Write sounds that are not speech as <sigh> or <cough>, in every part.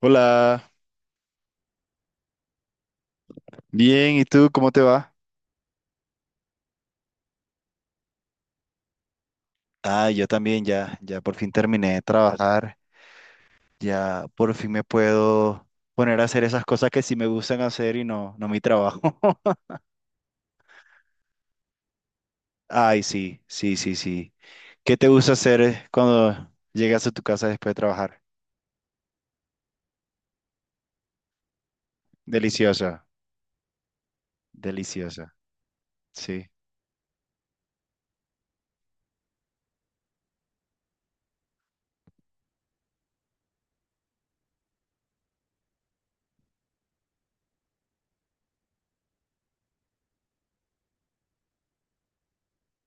Hola, bien, ¿y tú cómo te va? Yo también ya por fin terminé de trabajar, ya por fin me puedo poner a hacer esas cosas que sí me gustan hacer y no mi trabajo. <laughs> Ay, sí, sí, sí, sí. ¿Qué te gusta hacer cuando llegas a tu casa después de trabajar? Deliciosa, deliciosa, sí.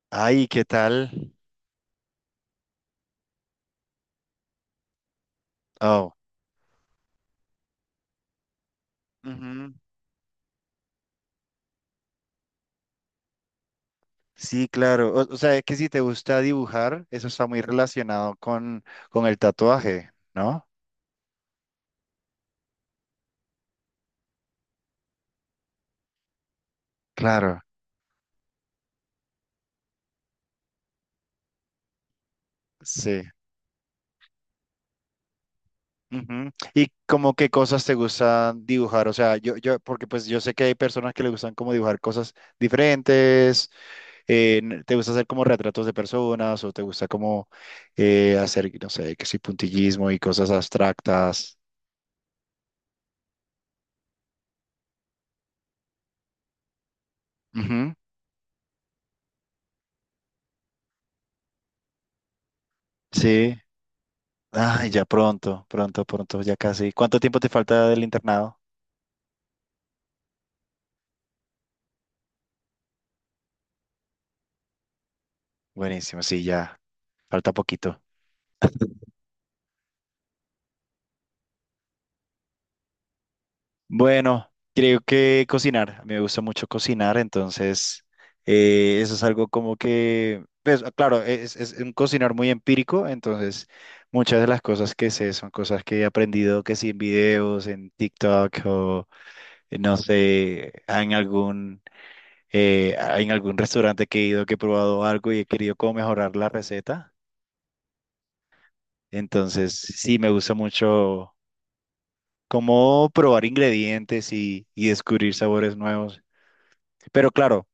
Ay, ¿qué tal? Oh, ujú. Sí, claro. O sea, es que si te gusta dibujar, eso está muy relacionado con el tatuaje, ¿no? Claro. Sí. Ujú. ¿Y como qué cosas te gustan dibujar? O sea, yo, porque pues yo sé que hay personas que le gustan como dibujar cosas diferentes, te gusta hacer como retratos de personas o te gusta como hacer, no sé, que sí, puntillismo y cosas abstractas. Ujú. Sí. Ay, ya pronto, pronto, pronto, ya casi. ¿Cuánto tiempo te falta del internado? Buenísimo, sí, ya, falta poquito. Bueno, creo que cocinar. A mí me gusta mucho cocinar, entonces eso es algo como que, pues claro, es un cocinar muy empírico, entonces muchas de las cosas que sé son cosas que he aprendido que sí en videos, en TikTok o no sé, en algún restaurante que he ido, que he probado algo y he querido como mejorar la receta. Entonces sí me gusta mucho como probar ingredientes y descubrir sabores nuevos. Pero claro.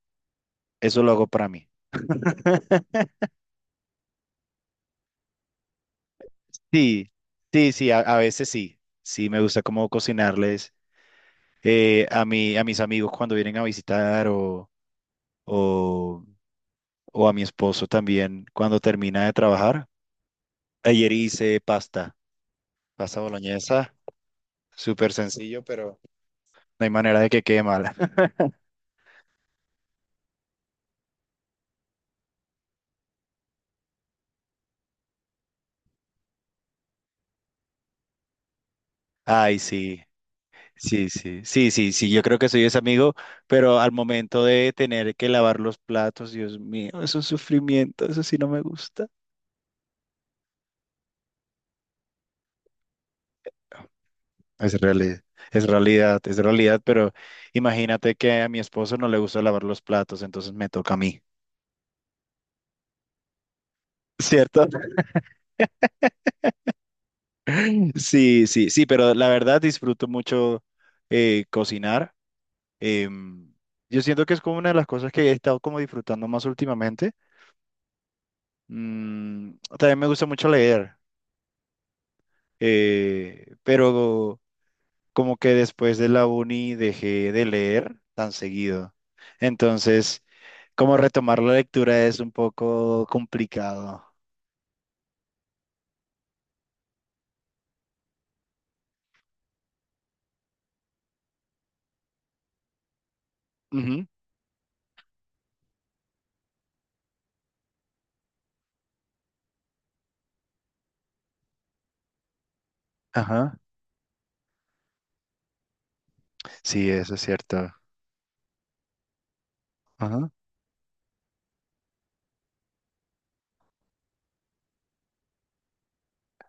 Eso lo hago para mí. <laughs> Sí, sí, sí, a veces sí. Sí, me gusta como cocinarles a mí, a mis amigos cuando vienen a visitar o, o a mi esposo también cuando termina de trabajar. Ayer hice pasta, pasta boloñesa, súper sencillo, pero no hay manera de que quede mala. <laughs> Ay, sí, sí, sí, sí, sí, sí, yo creo que soy ese amigo, pero al momento de tener que lavar los platos, Dios mío, es un sufrimiento, eso sí no me gusta. Es realidad, es realidad, es realidad, pero imagínate que a mi esposo no le gusta lavar los platos, entonces me toca a mí. ¿Cierto? <laughs> Sí, sí, sí, pero la verdad disfruto mucho cocinar. Em, yo siento que es como una de las cosas que he estado como disfrutando más últimamente. Mm, también me gusta mucho leer, pero como que después de la uni dejé de leer tan seguido. Entonces, como retomar la lectura es un poco complicado. Ujú. Ajá. Sí, eso es cierto. Ajá.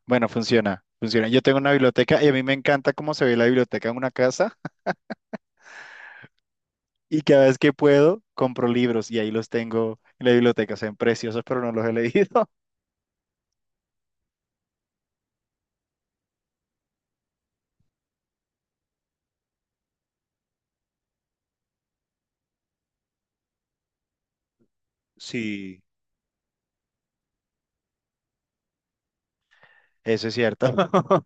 Bueno, funciona, funciona. Yo tengo una biblioteca y a mí me encanta cómo se ve la biblioteca en una casa, y cada vez que puedo compro libros y ahí los tengo en la biblioteca. Se ven preciosos, pero no los he leído. <laughs> Sí, eso es cierto. <laughs>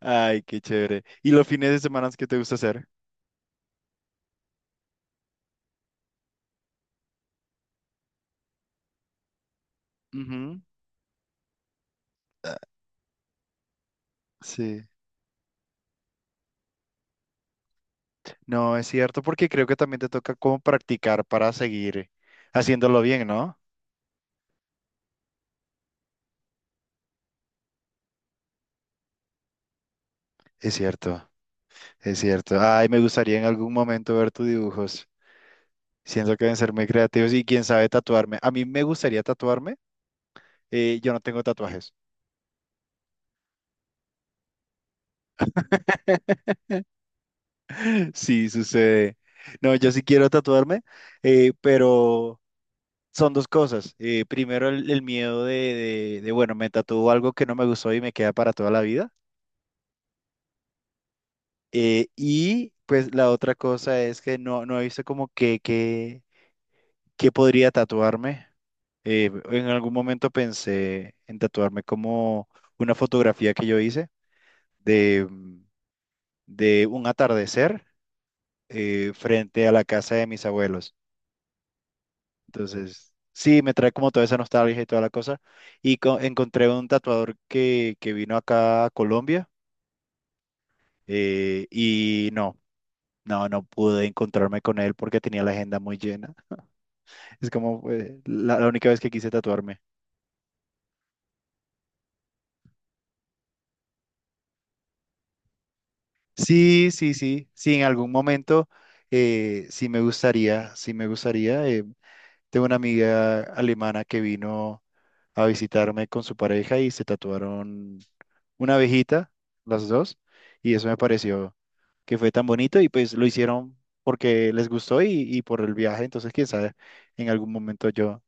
Ay, qué chévere. ¿Y los fines de semana qué te gusta hacer? Ujú. Sí. No, es cierto, porque creo que también te toca como practicar para seguir haciéndolo bien, ¿no? Es cierto, es cierto. Ay, me gustaría en algún momento ver tus dibujos. Siento que deben ser muy creativos y quién sabe, tatuarme. A mí me gustaría tatuarme. Yo no tengo tatuajes. <laughs> Sí, sucede. No, yo sí quiero tatuarme, pero son dos cosas. Primero, el miedo de bueno, me tatúo algo que no me gustó y me queda para toda la vida. Y pues la otra cosa es que no, no he visto como que podría tatuarme. En algún momento pensé en tatuarme como una fotografía que yo hice de, de un atardecer frente a la casa de mis abuelos. Entonces, sí, me trae como toda esa nostalgia y toda la cosa. Y encontré un tatuador que vino acá a Colombia y no pude encontrarme con él porque tenía la agenda muy llena. Es como la única vez que quise tatuarme. Sí, sí, sí, sí, en algún momento sí me gustaría, sí me gustaría. Tengo una amiga alemana que vino a visitarme con su pareja y se tatuaron una abejita, las dos, y eso me pareció que fue tan bonito y pues lo hicieron porque les gustó y por el viaje, entonces quién sabe, en algún momento yo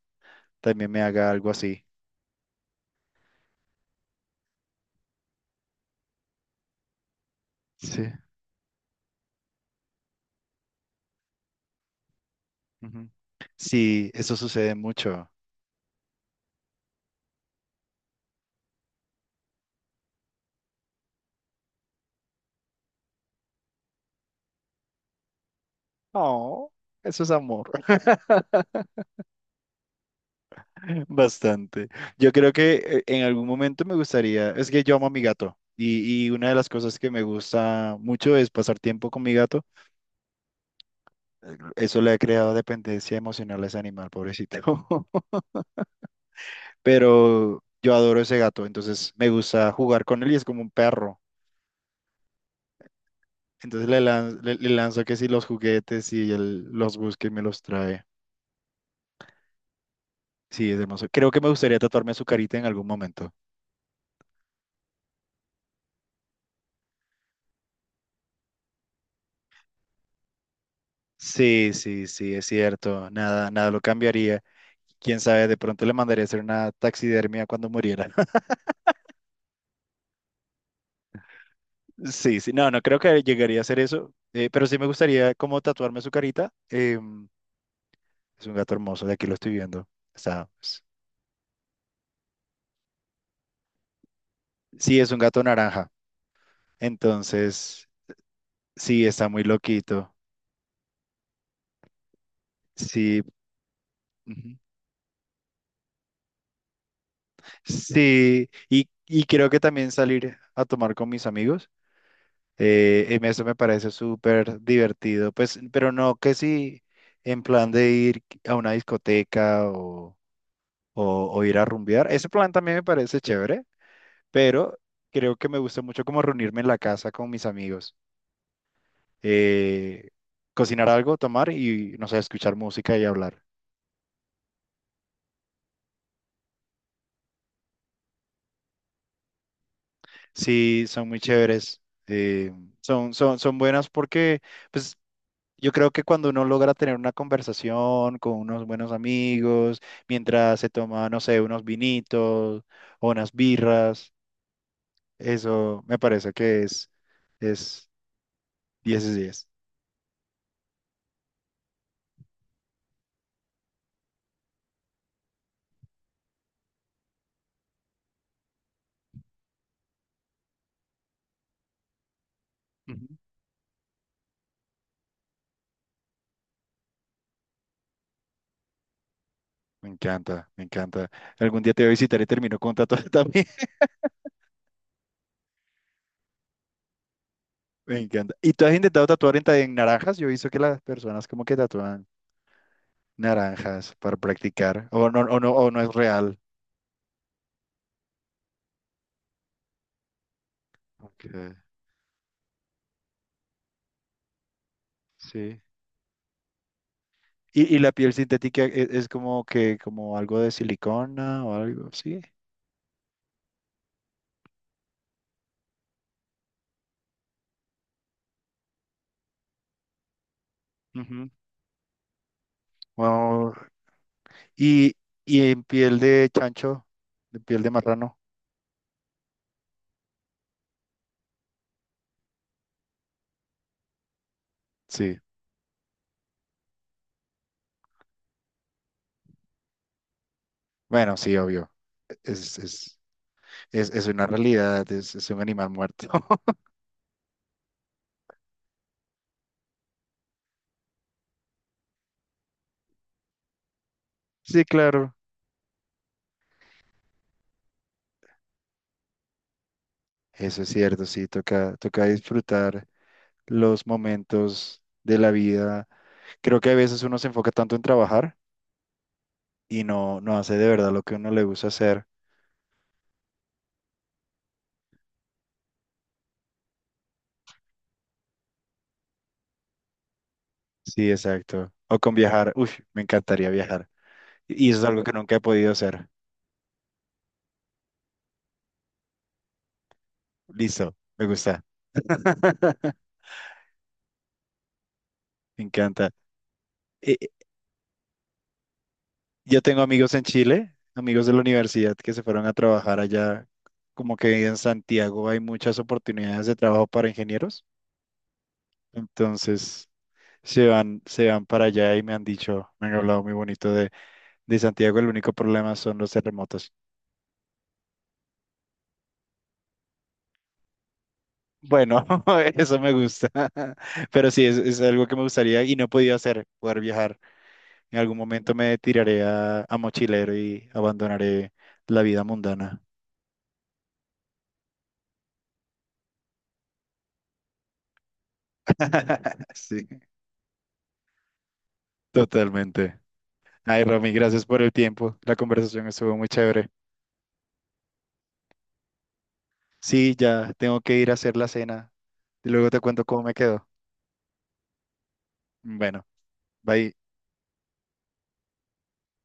también me haga algo así. Sí. Ujú. Sí, eso sucede mucho. Oh, eso es amor, <laughs> bastante. Yo creo que en algún momento me gustaría, es que yo amo a mi gato y una de las cosas que me gusta mucho es pasar tiempo con mi gato. Eso le ha creado dependencia emocional a ese animal, pobrecito. <laughs> Pero yo adoro ese gato, entonces me gusta jugar con él y es como un perro. Entonces le lanzo que si los juguetes y él los busca y me los trae. Sí, es hermoso. Creo que me gustaría tatuarme su carita en algún momento. Sí, sí, sí, es cierto. Nada, nada lo cambiaría. Quién sabe, de pronto le mandaría a hacer una taxidermia cuando muriera. <laughs> Sí, sí, no, no creo que llegaría a hacer eso, pero sí me gustaría como tatuarme su carita. Es un gato hermoso, de aquí lo estoy viendo. Está, sí, es un gato naranja. Entonces, sí, está muy loquito. Sí, ujú. Sí, y creo que también salir a tomar con mis amigos. Eso me parece súper divertido, pues, pero no que si en plan de ir a una discoteca o, o ir a rumbear, ese plan también me parece chévere, pero creo que me gusta mucho como reunirme en la casa con mis amigos, eh, cocinar algo, tomar y, no sé, escuchar música y hablar. Sí, son muy chéveres, eh, son buenas porque, pues, yo creo que cuando uno logra tener una conversación con unos buenos amigos, mientras se toma, no sé, unos vinitos o unas birras, eso me parece es 10 de 10. Ujú. Me encanta, me encanta. Algún día te voy a visitar y termino con un tatuaje <laughs> también. Me encanta. ¿Y tú has intentado tatuar en naranjas? Yo he visto que las personas como que tatúan naranjas para practicar. O no es real. Ok. Sí. Y la piel sintética es, como que, como algo de silicona o algo así. Ujú. Wao. Y, y en piel de chancho, de piel de marrano. Sí. Bueno, sí, obvio. Es, es, es una realidad, es un animal muerto. <laughs> Sí, claro. Eso es cierto, sí, toca, toca disfrutar los momentos de la vida. Creo que a veces uno se enfoca tanto en trabajar y no hace de verdad lo que uno le gusta hacer. Sí, exacto. O con viajar. Uy, me encantaría viajar. Y eso es algo que nunca he podido hacer. Listo, me gusta. <laughs> Me encanta. Eh, yo tengo amigos en Chile, amigos de la universidad que se fueron a trabajar allá. Como que en Santiago hay muchas oportunidades de trabajo para ingenieros. Entonces se van para allá y me han dicho, me han hablado muy bonito de Santiago. El único problema son los terremotos. Bueno, <laughs> eso me gusta. <laughs> Pero sí, es algo que me gustaría y no he podido hacer, poder viajar. En algún momento me tiraré a mochilero y abandonaré la vida mundana. <laughs> Sí, totalmente. Ay, Romy, gracias por el tiempo. La conversación estuvo muy chévere. Sí, ya tengo que ir a hacer la cena. Luego te cuento cómo me quedó. Bueno, bye.